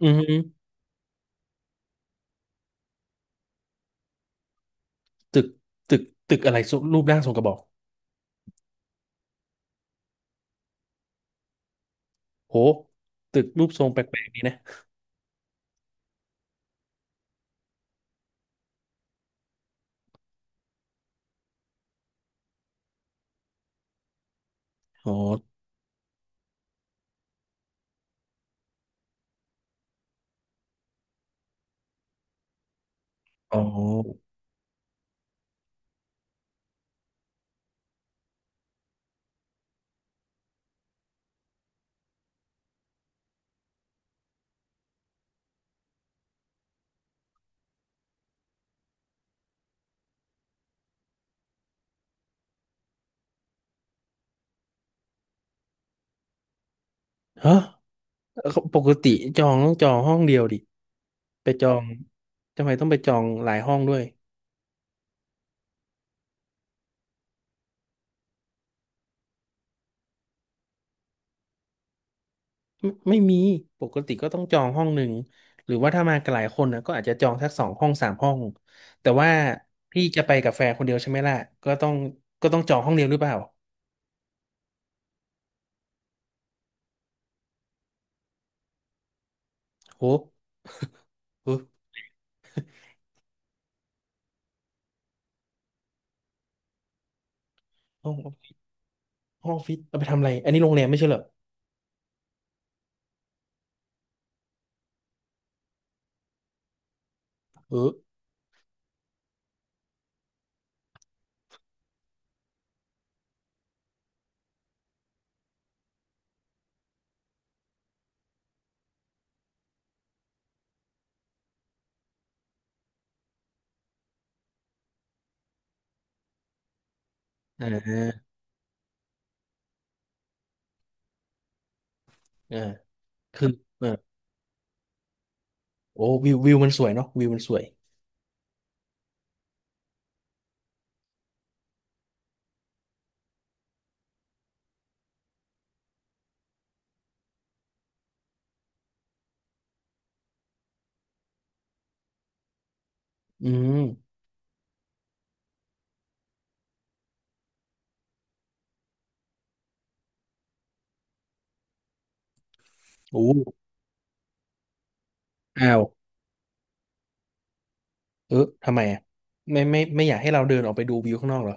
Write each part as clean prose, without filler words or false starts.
อือหือตึกตึกตึกอะไรทรงรูปร่างทรงกระบอกโหตึกรูปทรงแปลกๆดีนะอ๋ออ๋อฮะปกติจองต้องจองห้องเดียวดิไปจองทำไมต้องไปจองหลายห้องด้วยไม่มีปกติก็ต้องจองห้องหนึ่งหรือว่าถ้ามากันหลายคนนะก็อาจจะจองสักสองห้องสามห้องแต่ว่าพี่จะไปกับแฟนคนเดียวใช่ไหมล่ะก็ต้องก็ต้องจองห้องเดียวหรือเปล่าโหเออห้องห้องออฟฟิศเอาไปทำอะไรอันนี้โรงแรมไม่ใช่เหรอเอออ่าอ่า คือเออโอ้วิววิวมันสวยเนาะวิวมันสวยอืมโอ้อ้าวเออทำไมอ่ะไม่อยากให้เราเดินออกไปดูวิวข้างนอกเหรอ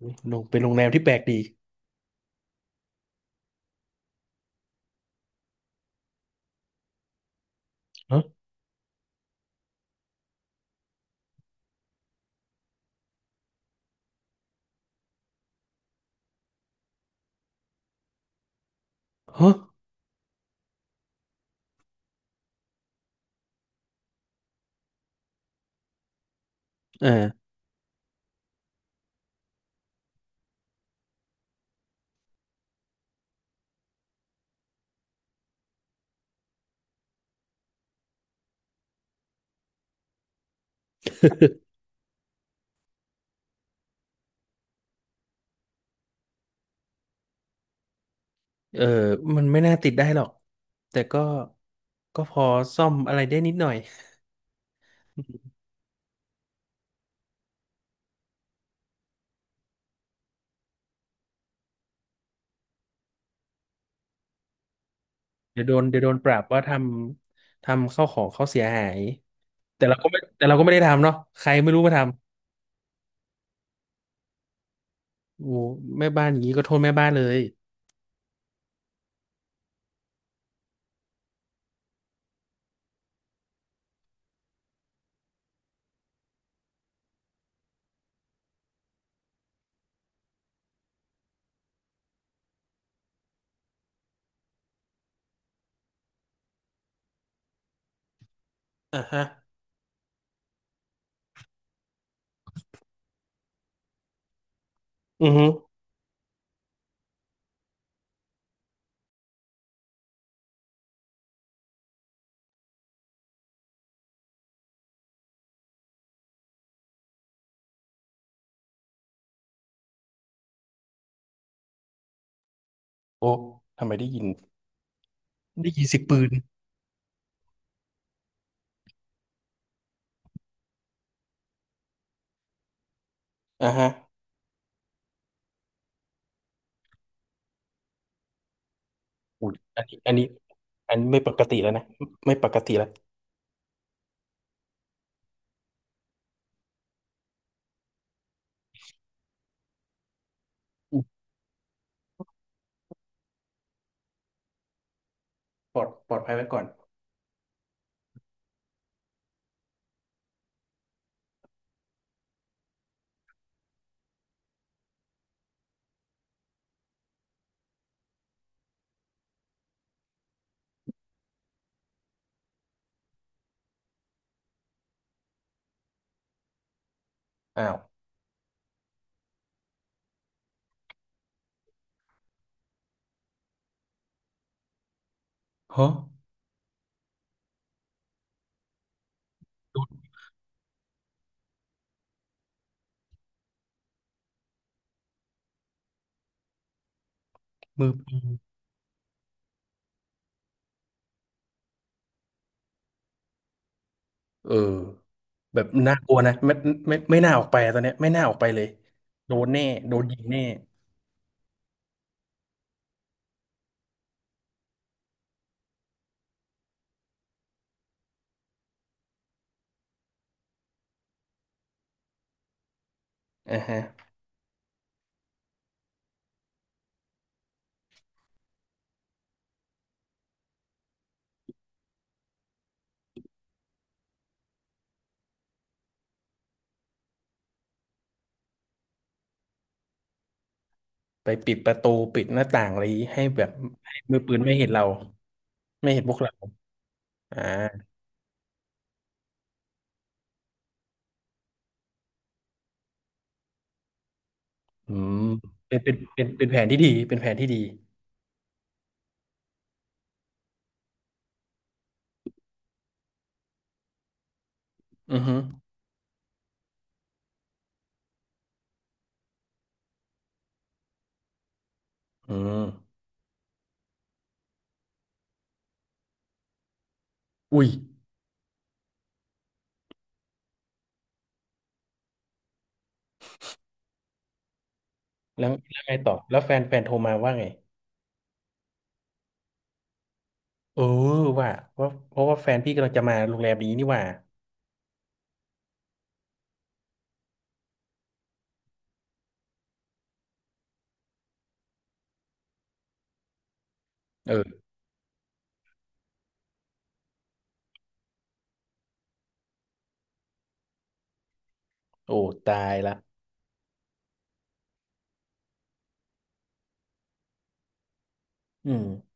อุ๊ยโรงเป็นโรงแรมที่แปลกดีฮะฮะอ่าเออมันไม่น่าติดได้หรอกแต่ก็ก็พอซ่อมอะไรได้นิดหน่อยเดี๋ยวโดนเดี๋ยวโดนปรับว่าทำทำเข้าวของเขาเสียหายแต่เราก็ไม่ได้ทำเนาะใครไม่รู้มาทำโอ้แม่บ้านอย่างนี้ก็โทษแม่บ้านเลยอ่าฮะอือฮึโอ้ทำไมได้ยิน ได้ยินเสียงปืนอ่าฮะอยอันนี้อันนี้ อันนี้ไม่ปกติแล้วนะ ไม่ปกติแล้วอุ๊ยปลอดปลอดภัยไว้ก่อนอ้าวฮะโดนมือปืนเออแบบน่ากลัวนะ ไม่ ไม่ ไม่น่าออกไปอะตอนเนี้ยไม่น่าออกไปเลย โดนแน่ โดนยิงแน่อ่าฮะ ไปปิดประตูปิดหน้าต่างอะไรให้แบบ ให้มือปืนไม่เห็นเราไม่เห็นพวกเราอ่าอืมเป็นแผนที่ดีเป็นแผนที่ดีอือฮึอืมอุ้ย แล้วแล้วไงต่อแล้วแฟนแฟนโทรมาว่าไงเออว่าว่าเพราะว่าแฟนพี่กำลังจะมาโรงแรมนี้นี่หว่าเออโอ้ตายละอืม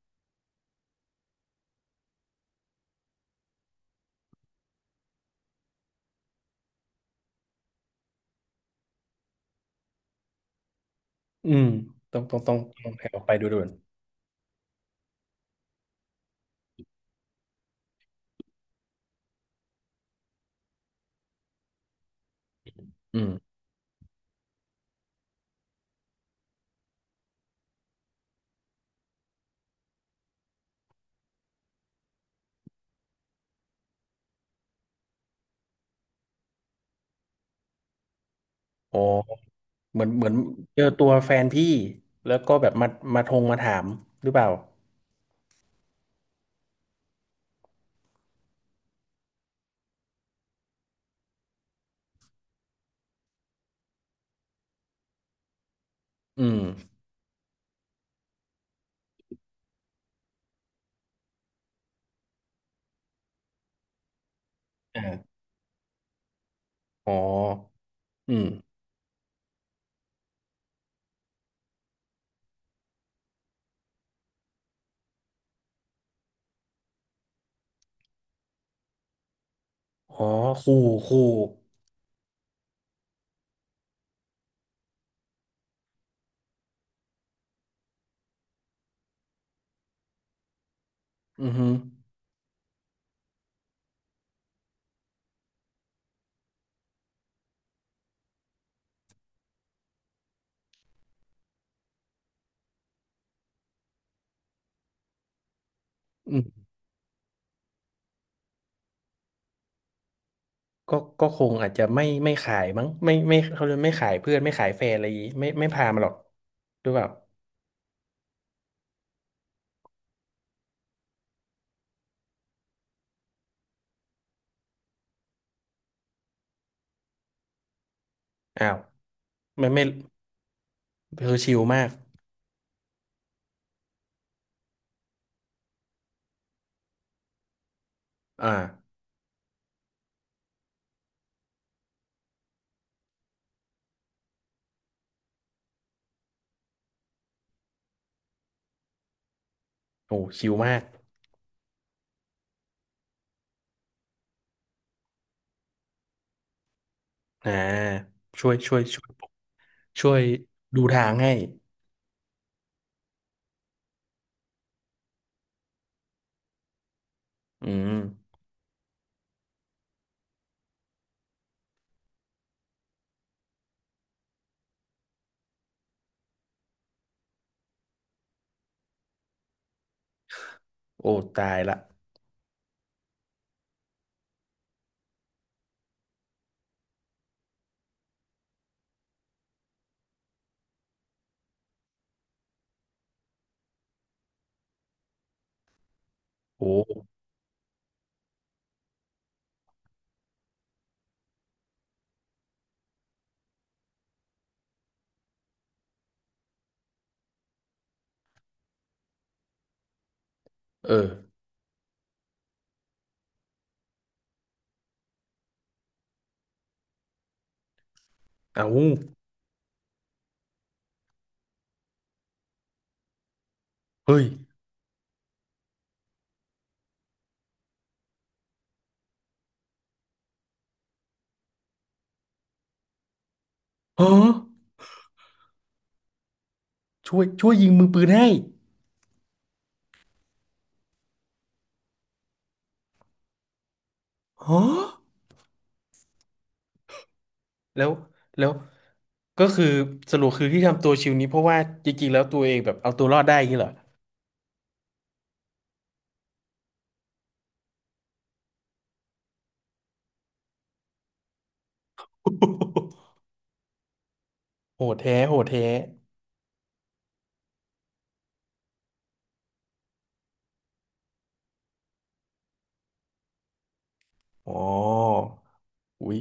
อืมต้องต้องต้องต้องแผ่ออกไปดูด่วนอืมอ๋อเหมือนเหมือนเจอตัวแฟนพี่แล้วก็แบบมามาทงมาถามหรือเปล่าอืมอ่าอ๋ออืมอ๋อคู่คู่อือฮึอืมก็ก็คงอาจจะไม่ขายมั้งไม่ไม่เขาเรียกไม่ขายเพื่อนไม่ขายแฟนอะไรอย่างงี้ไม่พามาหรอกหรือเปล่า อ้าวไม่ไม่คือชิลมากอ่าโอ้ชิลมากอ่าช่วยช่วยช่วยช่วยดูทางให้อืมโอ้ตายละโอ้เออเอาเฮ้ยฮะช่วยช่วยยิงมือปืนให้ฮะแล้วแล้วก็คือสรุปคือที่ทำตัวชิลนี้เพราะว่าจริงๆแล้วตัวเองแบบเอาตัวรอดได้อย่างนี้เหรอ โหดแท้โหดแท้อ๋ออุ้ย